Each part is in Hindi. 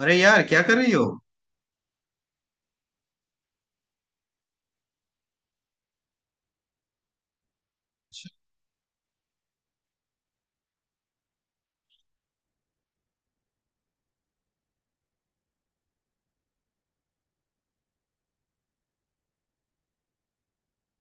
अरे यार, क्या कर रही हो?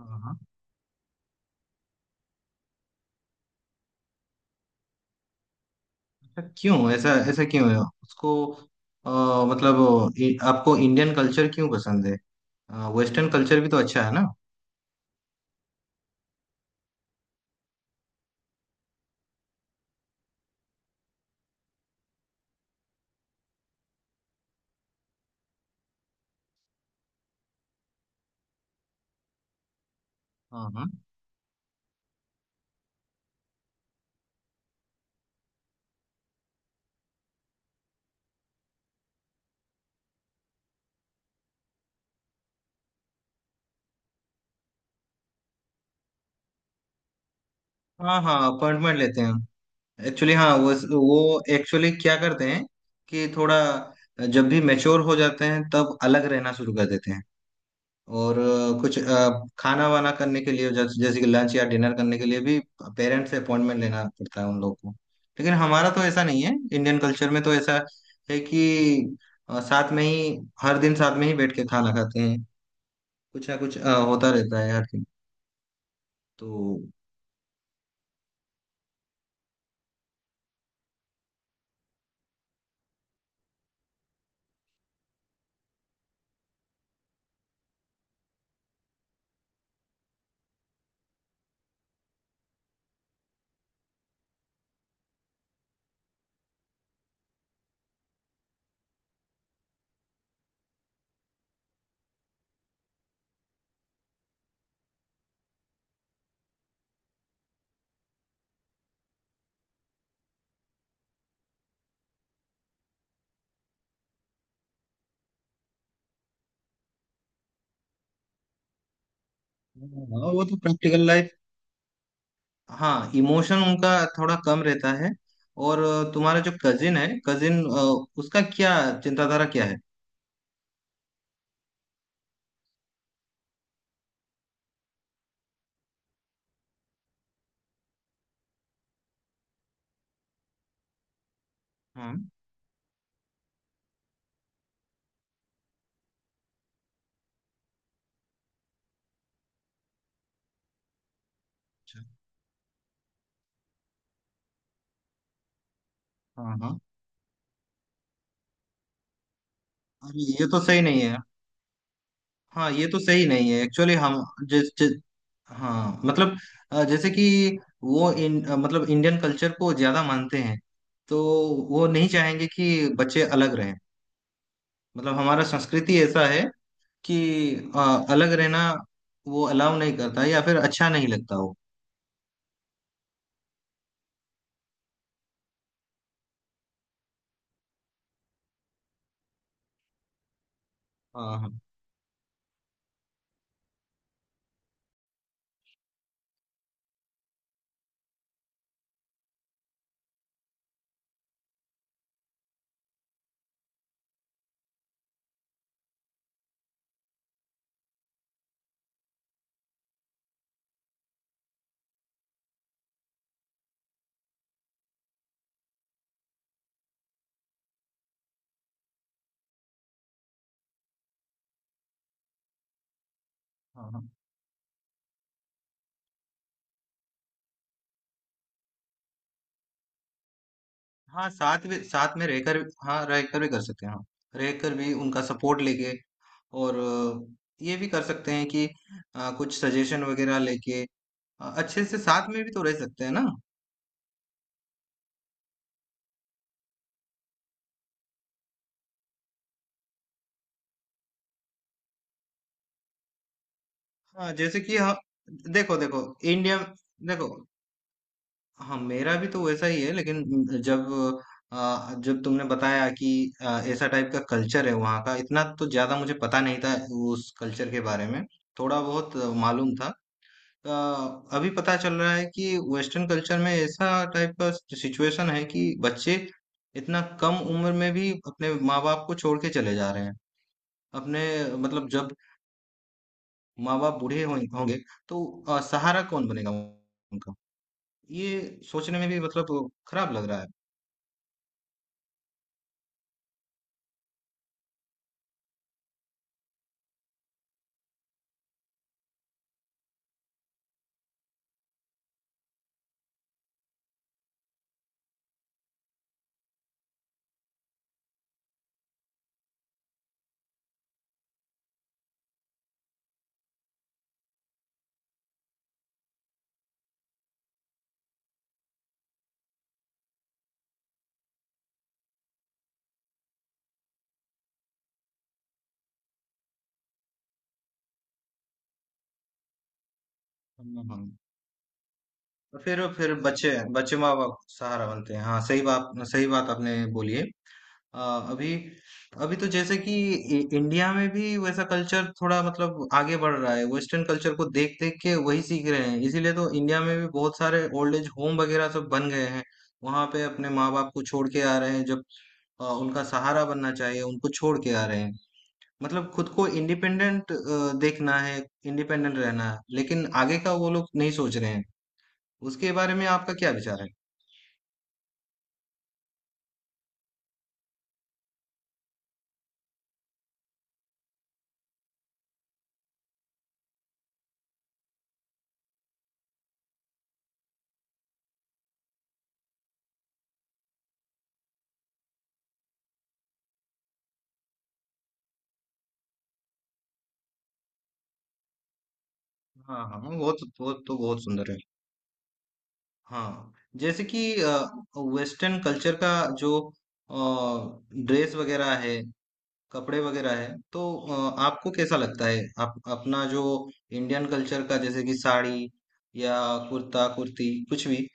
हाँ हाँ। ऐसा क्यों? ऐसा ऐसा क्यों है उसको? अ, मतलब आपको इंडियन कल्चर क्यों पसंद है? वेस्टर्न कल्चर भी तो अच्छा है ना। हाँ हाँ। हाँ हाँ, अपॉइंटमेंट लेते हैं। एक्चुअली हाँ, वो एक्चुअली क्या करते हैं कि थोड़ा जब भी मैच्योर हो जाते हैं तब अलग रहना शुरू कर देते हैं। और कुछ खाना वाना करने के लिए, जैसे जैसे कि लंच या डिनर करने के लिए भी पेरेंट्स से अपॉइंटमेंट लेना पड़ता है उन लोग को। लेकिन हमारा तो ऐसा नहीं है, इंडियन कल्चर में तो ऐसा है कि साथ में ही हर दिन साथ में ही बैठ के खाना खाते हैं। कुछ ना कुछ होता रहता है हर दिन। तो हाँ, वो तो प्रैक्टिकल लाइफ। हाँ, इमोशन उनका थोड़ा कम रहता है। और तुम्हारा जो कजिन है, कजिन उसका क्या चिंताधारा क्या है? हाँ, अच्छा। हाँ हाँ, अरे ये तो सही नहीं है। हाँ, ये तो सही नहीं है एक्चुअली। हम जिस जिस हाँ मतलब, जैसे कि वो मतलब इंडियन कल्चर को ज्यादा मानते हैं, तो वो नहीं चाहेंगे कि बच्चे अलग रहें। मतलब हमारा संस्कृति ऐसा है कि अलग रहना वो अलाउ नहीं करता, या फिर अच्छा नहीं लगता वो। हाँ हाँ। हाँ हाँ। हाँ, साथ में रहकर। हाँ, रहकर भी कर सकते हैं, हाँ। रहकर भी उनका सपोर्ट लेके। और ये भी कर सकते हैं कि कुछ सजेशन वगैरह लेके। हाँ, अच्छे से साथ में भी तो रह सकते हैं ना। हाँ जैसे कि हम, देखो देखो इंडिया, देखो, हाँ मेरा भी तो वैसा ही है। लेकिन जब, जब तुमने बताया कि ऐसा टाइप का कल्चर है वहाँ का, इतना तो ज्यादा मुझे पता नहीं था। उस कल्चर के बारे में थोड़ा बहुत मालूम था। आ, अभी पता चल रहा है कि वेस्टर्न कल्चर में ऐसा टाइप का सिचुएशन है कि बच्चे इतना कम उम्र में भी अपने माँ बाप को छोड़ के चले जा रहे हैं अपने, मतलब जब माँ बाप होंगे तो सहारा कौन बनेगा उनका? ये सोचने में भी मतलब खराब लग रहा है। हाँ। और फिर बच्चे बच्चे माँ बाप सहारा बनते हैं, हाँ। सही बात, सही बात आपने बोली है। अ, अभी अभी तो जैसे कि इंडिया में भी वैसा कल्चर थोड़ा मतलब आगे बढ़ रहा है, वेस्टर्न कल्चर को देख देख के वही सीख रहे हैं, इसीलिए तो इंडिया में भी बहुत सारे ओल्ड एज होम वगैरह सब बन गए हैं। वहां पे अपने माँ बाप को छोड़ के आ रहे हैं, जब उनका सहारा बनना चाहिए, उनको छोड़ के आ रहे हैं। मतलब खुद को इंडिपेंडेंट देखना है, इंडिपेंडेंट रहना है, लेकिन आगे का वो लोग नहीं सोच रहे हैं। उसके बारे में आपका क्या विचार है? हाँ हाँ हाँ, वो तो बहुत सुंदर है। हाँ, जैसे कि वेस्टर्न कल्चर का जो ड्रेस वगैरह है, कपड़े वगैरह है, तो आपको कैसा लगता है? आप अपना जो इंडियन कल्चर का, जैसे कि साड़ी या कुर्ता कुर्ती कुछ भी,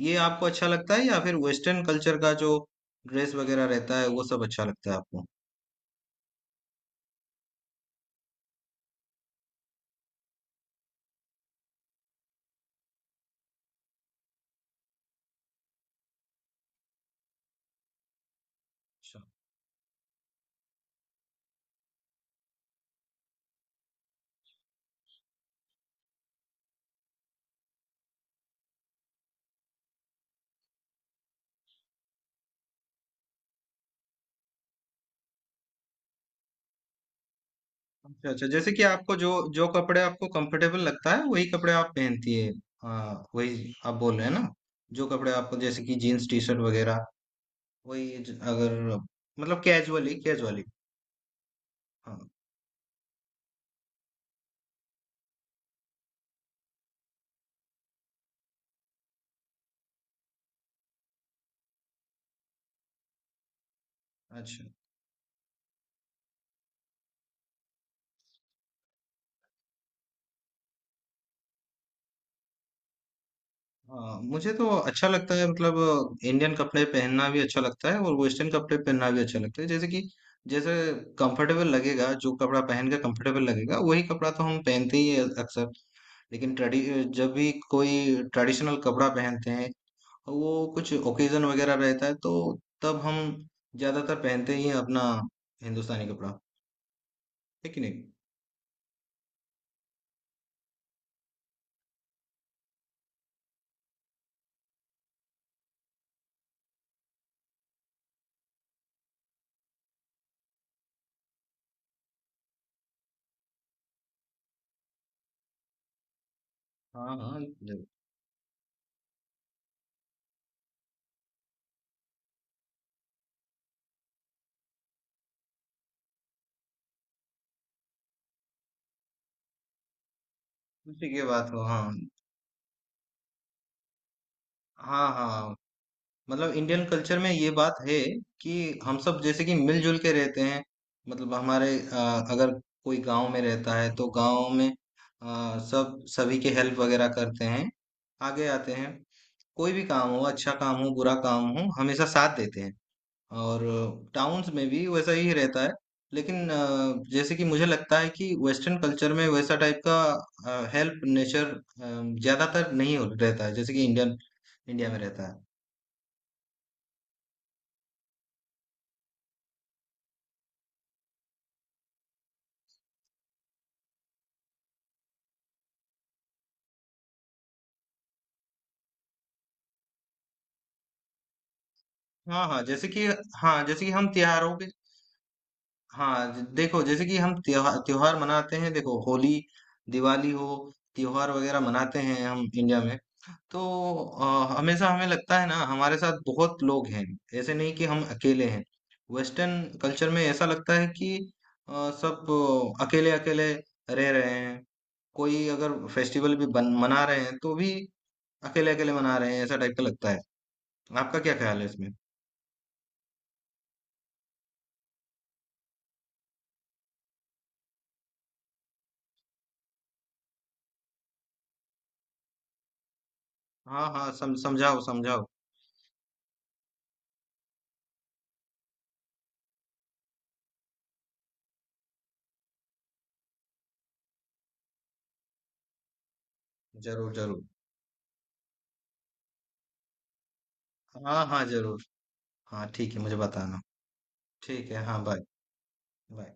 ये आपको अच्छा लगता है, या फिर वेस्टर्न कल्चर का जो ड्रेस वगैरह रहता है वो सब अच्छा लगता है आपको? अच्छा अच्छा अच्छा, जैसे कि आपको जो जो कपड़े आपको कंफर्टेबल लगता है वही कपड़े आप पहनती है। हाँ, वही आप बोल रहे हैं ना? जो कपड़े आपको जैसे कि जीन्स टी शर्ट वगैरह वही अगर, मतलब कैजुअली कैजुअली। हाँ, अच्छा। हाँ, मुझे तो अच्छा लगता है, मतलब इंडियन कपड़े पहनना भी अच्छा लगता है और वेस्टर्न कपड़े पहनना भी अच्छा लगता है। जैसे कि जैसे कंफर्टेबल लगेगा, जो कपड़ा पहन के कंफर्टेबल लगेगा वही कपड़ा तो हम पहनते ही है अक्सर। लेकिन ट्रेडि जब भी कोई ट्रेडिशनल कपड़ा पहनते हैं, वो कुछ ओकेजन वगैरह रहता है, तो तब हम ज्यादातर पहनते ही हैं अपना हिंदुस्तानी कपड़ा, है कि नहीं? हाँ हाँ जरूर। उसी की बात हो, हाँ। हाँ हाँ, मतलब इंडियन कल्चर में ये बात है कि हम सब जैसे कि मिलजुल के रहते हैं। मतलब हमारे अगर कोई गांव में रहता है तो गांव में सब सभी के हेल्प वगैरह करते हैं, आगे आते हैं। कोई भी काम हो, अच्छा काम हो, बुरा काम हो, हमेशा साथ देते हैं। और टाउन्स में भी वैसा ही रहता है। लेकिन जैसे कि मुझे लगता है कि वेस्टर्न कल्चर में वैसा टाइप का हेल्प नेचर ज्यादातर नहीं हो रहता है, जैसे कि इंडियन इंडिया में रहता है। हाँ हाँ, जैसे कि, हाँ जैसे कि हम त्योहारों के, हाँ देखो जैसे कि हम त्योहार त्योहार मनाते हैं। देखो होली, दिवाली हो, त्योहार वगैरह मनाते हैं हम इंडिया में। तो हमेशा हमें लगता है ना हमारे साथ बहुत लोग हैं, ऐसे नहीं कि हम अकेले हैं। वेस्टर्न कल्चर में ऐसा लगता है कि अ, सब अकेले अकेले रह रहे हैं। कोई अगर फेस्टिवल भी मना रहे हैं तो भी अकेले अकेले मना रहे हैं, ऐसा टाइप का लगता है। आपका क्या ख्याल है इसमें? हाँ हाँ समझाओ समझाओ। जरूर जरूर। हाँ हाँ जरूर हाँ ठीक है, मुझे बताना। ठीक है, हाँ बाय। बाय।